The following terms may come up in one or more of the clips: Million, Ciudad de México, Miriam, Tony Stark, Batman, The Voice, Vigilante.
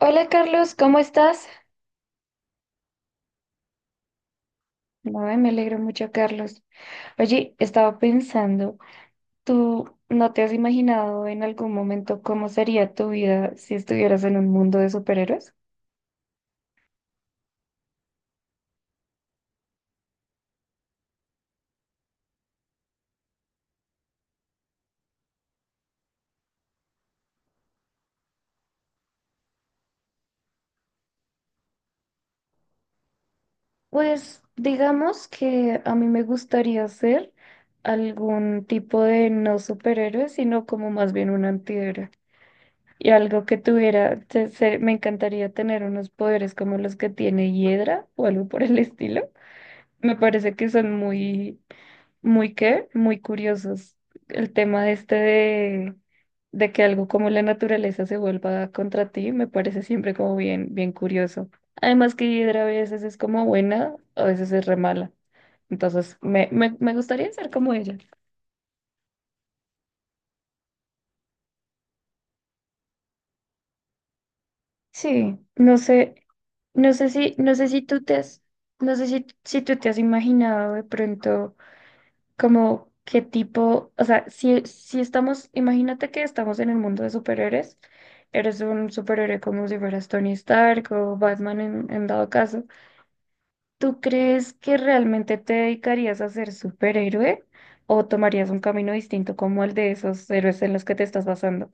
Hola Carlos, ¿cómo estás? No, me alegro mucho, Carlos. Oye, estaba pensando, ¿tú no te has imaginado en algún momento cómo sería tu vida si estuvieras en un mundo de superhéroes? Pues digamos que a mí me gustaría ser algún tipo de no superhéroe, sino como más bien un antihéroe. Y algo que tuviera, me encantaría tener unos poderes como los que tiene Hiedra o algo por el estilo. Me parece que son muy curiosos. El tema este de que algo como la naturaleza se vuelva contra ti me parece siempre como bien curioso. Además que Hidra a veces es como buena, a veces es re mala. Entonces me gustaría ser como ella. Sí, no sé, no sé si tú te has, no sé si, si tú te has imaginado de pronto, como qué tipo, o sea, si estamos, imagínate que estamos en el mundo de superhéroes, eres un superhéroe como si fueras Tony Stark o Batman en dado caso, ¿tú crees que realmente te dedicarías a ser superhéroe o tomarías un camino distinto como el de esos héroes en los que te estás basando?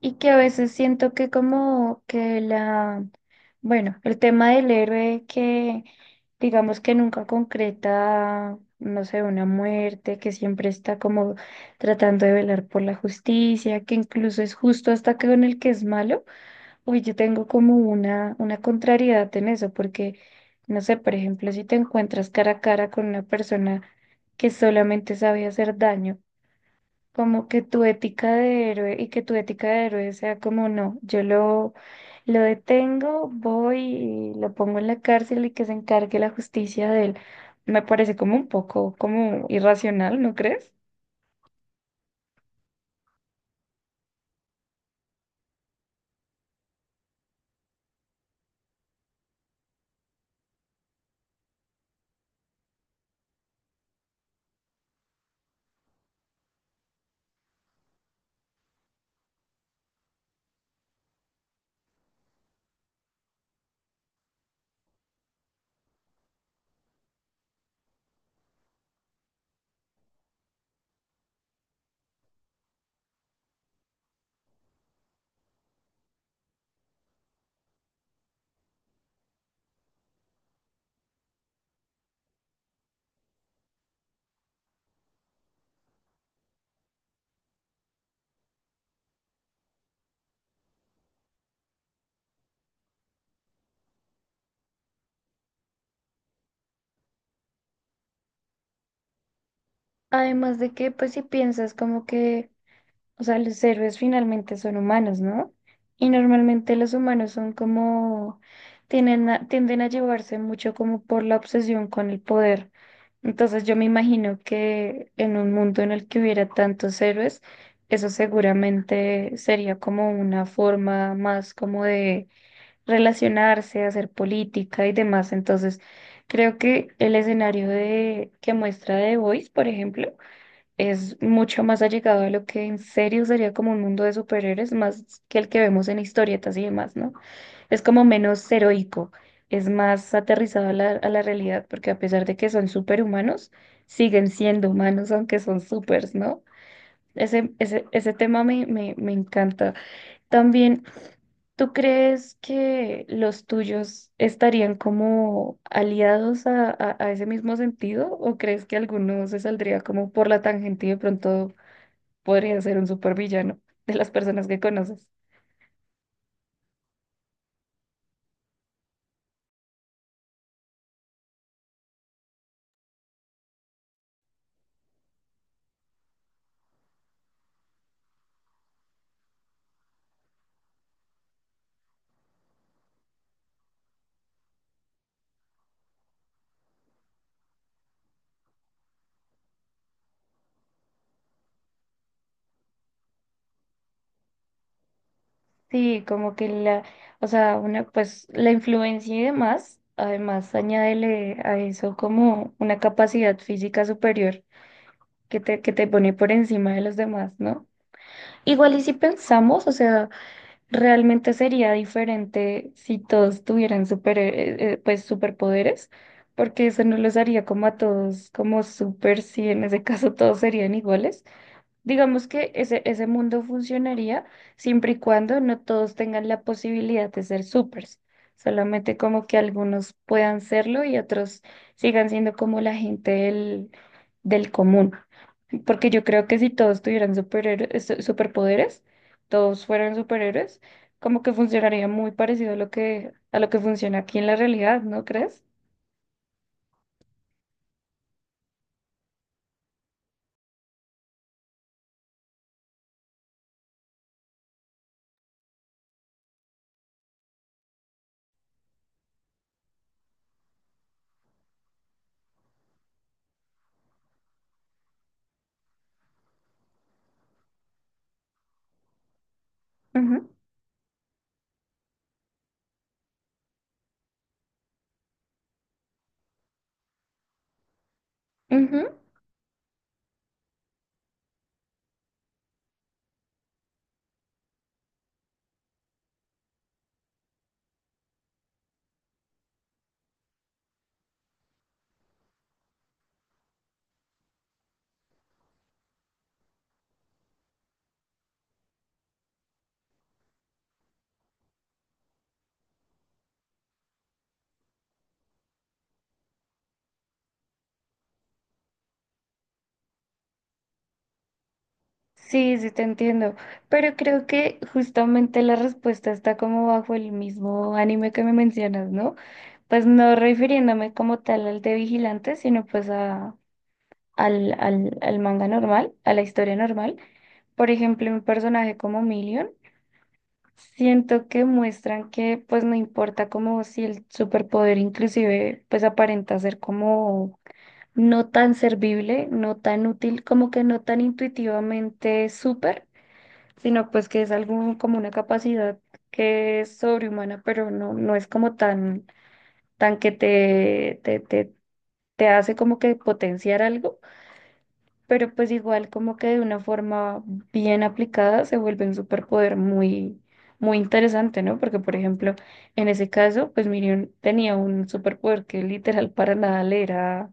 Y que a veces siento que como que la, bueno, el tema del héroe que digamos que nunca concreta, no sé, una muerte, que siempre está como tratando de velar por la justicia, que incluso es justo hasta que con el que es malo, uy, yo tengo como una contrariedad en eso, porque no sé, por ejemplo, si te encuentras cara a cara con una persona que solamente sabe hacer daño, como que tu ética de héroe y que tu ética de héroe sea como no, lo detengo, voy y lo pongo en la cárcel y que se encargue la justicia de él. Me parece como un poco como irracional, ¿no crees? Además de que, pues si piensas como que, o sea, los héroes finalmente son humanos, ¿no? Y normalmente los humanos son como, tienden a llevarse mucho como por la obsesión con el poder. Entonces yo me imagino que en un mundo en el que hubiera tantos héroes, eso seguramente sería como una forma más como de relacionarse, hacer política y demás. Entonces creo que el escenario de, que muestra The Voice, por ejemplo, es mucho más allegado a lo que en serio sería como un mundo de superhéroes, más que el que vemos en historietas y demás, ¿no? Es como menos heroico, es más aterrizado a a la realidad, porque a pesar de que son superhumanos, siguen siendo humanos, aunque son supers, ¿no? Ese tema me encanta. También, ¿tú crees que los tuyos estarían como aliados a ese mismo sentido? ¿O crees que alguno se saldría como por la tangente y de pronto podría ser un supervillano de las personas que conoces? Sí, como que la, o sea, una, pues la influencia y demás, además añádele a eso como una capacidad física superior que te pone por encima de los demás, ¿no? Igual y si pensamos, o sea, realmente sería diferente si todos tuvieran super, pues superpoderes, porque eso no los haría como a todos, como super, si en ese caso todos serían iguales. Digamos que ese mundo funcionaría siempre y cuando no todos tengan la posibilidad de ser supers, solamente como que algunos puedan serlo y otros sigan siendo como la gente del, del común. Porque yo creo que si todos tuvieran superhéroes, superpoderes, todos fueran superhéroes, como que funcionaría muy parecido a lo que funciona aquí en la realidad, ¿no crees? Ujú, ujú. Sí, sí, te entiendo, pero creo que justamente la respuesta está como bajo el mismo anime que me mencionas, ¿no? Pues no refiriéndome como tal al de Vigilante, sino pues a, al manga normal, a la historia normal. Por ejemplo, un personaje como Million, siento que muestran que pues no importa como si el superpoder inclusive pues aparenta ser como no tan servible, no tan útil, como que no tan intuitivamente súper, sino pues que es algo como una capacidad que es sobrehumana, pero no, no es como tan, tan que te hace como que potenciar algo, pero pues igual como que de una forma bien aplicada se vuelve un superpoder muy, muy interesante, ¿no? Porque por ejemplo, en ese caso, pues Miriam tenía un superpoder que literal para nada le era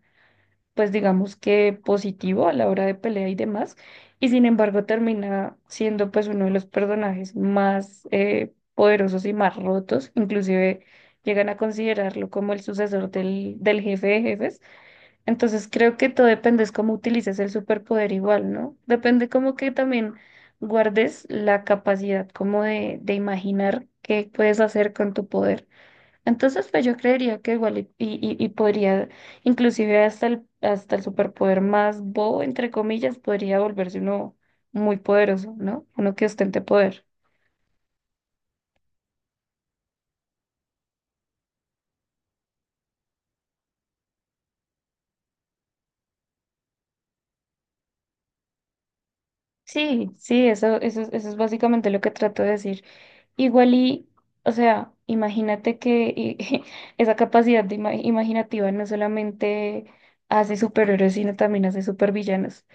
pues digamos que positivo a la hora de pelea y demás, y sin embargo termina siendo pues uno de los personajes más poderosos y más rotos, inclusive llegan a considerarlo como el sucesor del, del jefe de jefes. Entonces creo que todo depende es cómo utilices el superpoder igual, ¿no? Depende como que también guardes la capacidad como de imaginar qué puedes hacer con tu poder. Entonces, pues yo creería que igual y podría, inclusive hasta hasta el superpoder más bobo, entre comillas, podría volverse uno muy poderoso, ¿no? Uno que ostente poder. Sí, sí, eso es básicamente lo que trato de decir. Igual y, o sea, esa capacidad de imaginativa no solamente hace superhéroes, sino también hace supervillanos.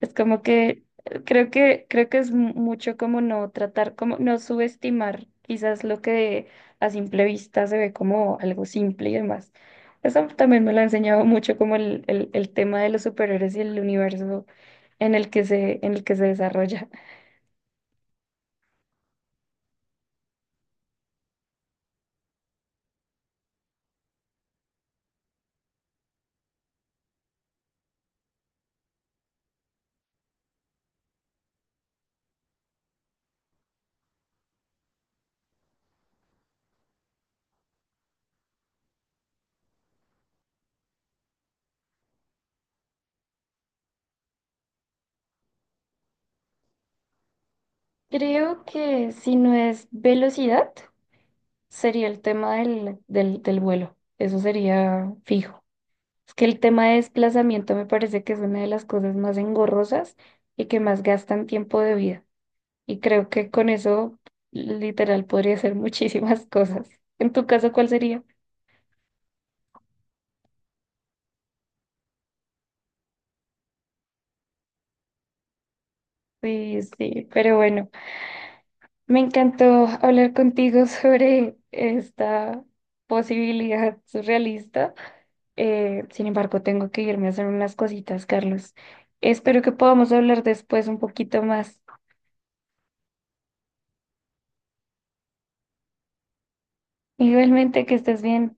Es como que creo que es mucho como no tratar, como no subestimar quizás lo que a simple vista se ve como algo simple y demás. Eso también me lo ha enseñado mucho como el tema de los superhéroes y el universo en el que en el que se desarrolla. Creo que si no es velocidad, sería el tema del, del vuelo. Eso sería fijo. Es que el tema de desplazamiento me parece que es una de las cosas más engorrosas y que más gastan tiempo de vida. Y creo que con eso, literal, podría hacer muchísimas cosas. En tu caso, ¿cuál sería? Sí, sí, pero bueno, me encantó hablar contigo sobre esta posibilidad surrealista. Sin embargo, tengo que irme a hacer unas cositas, Carlos. Espero que podamos hablar después un poquito más. Igualmente, que estés bien.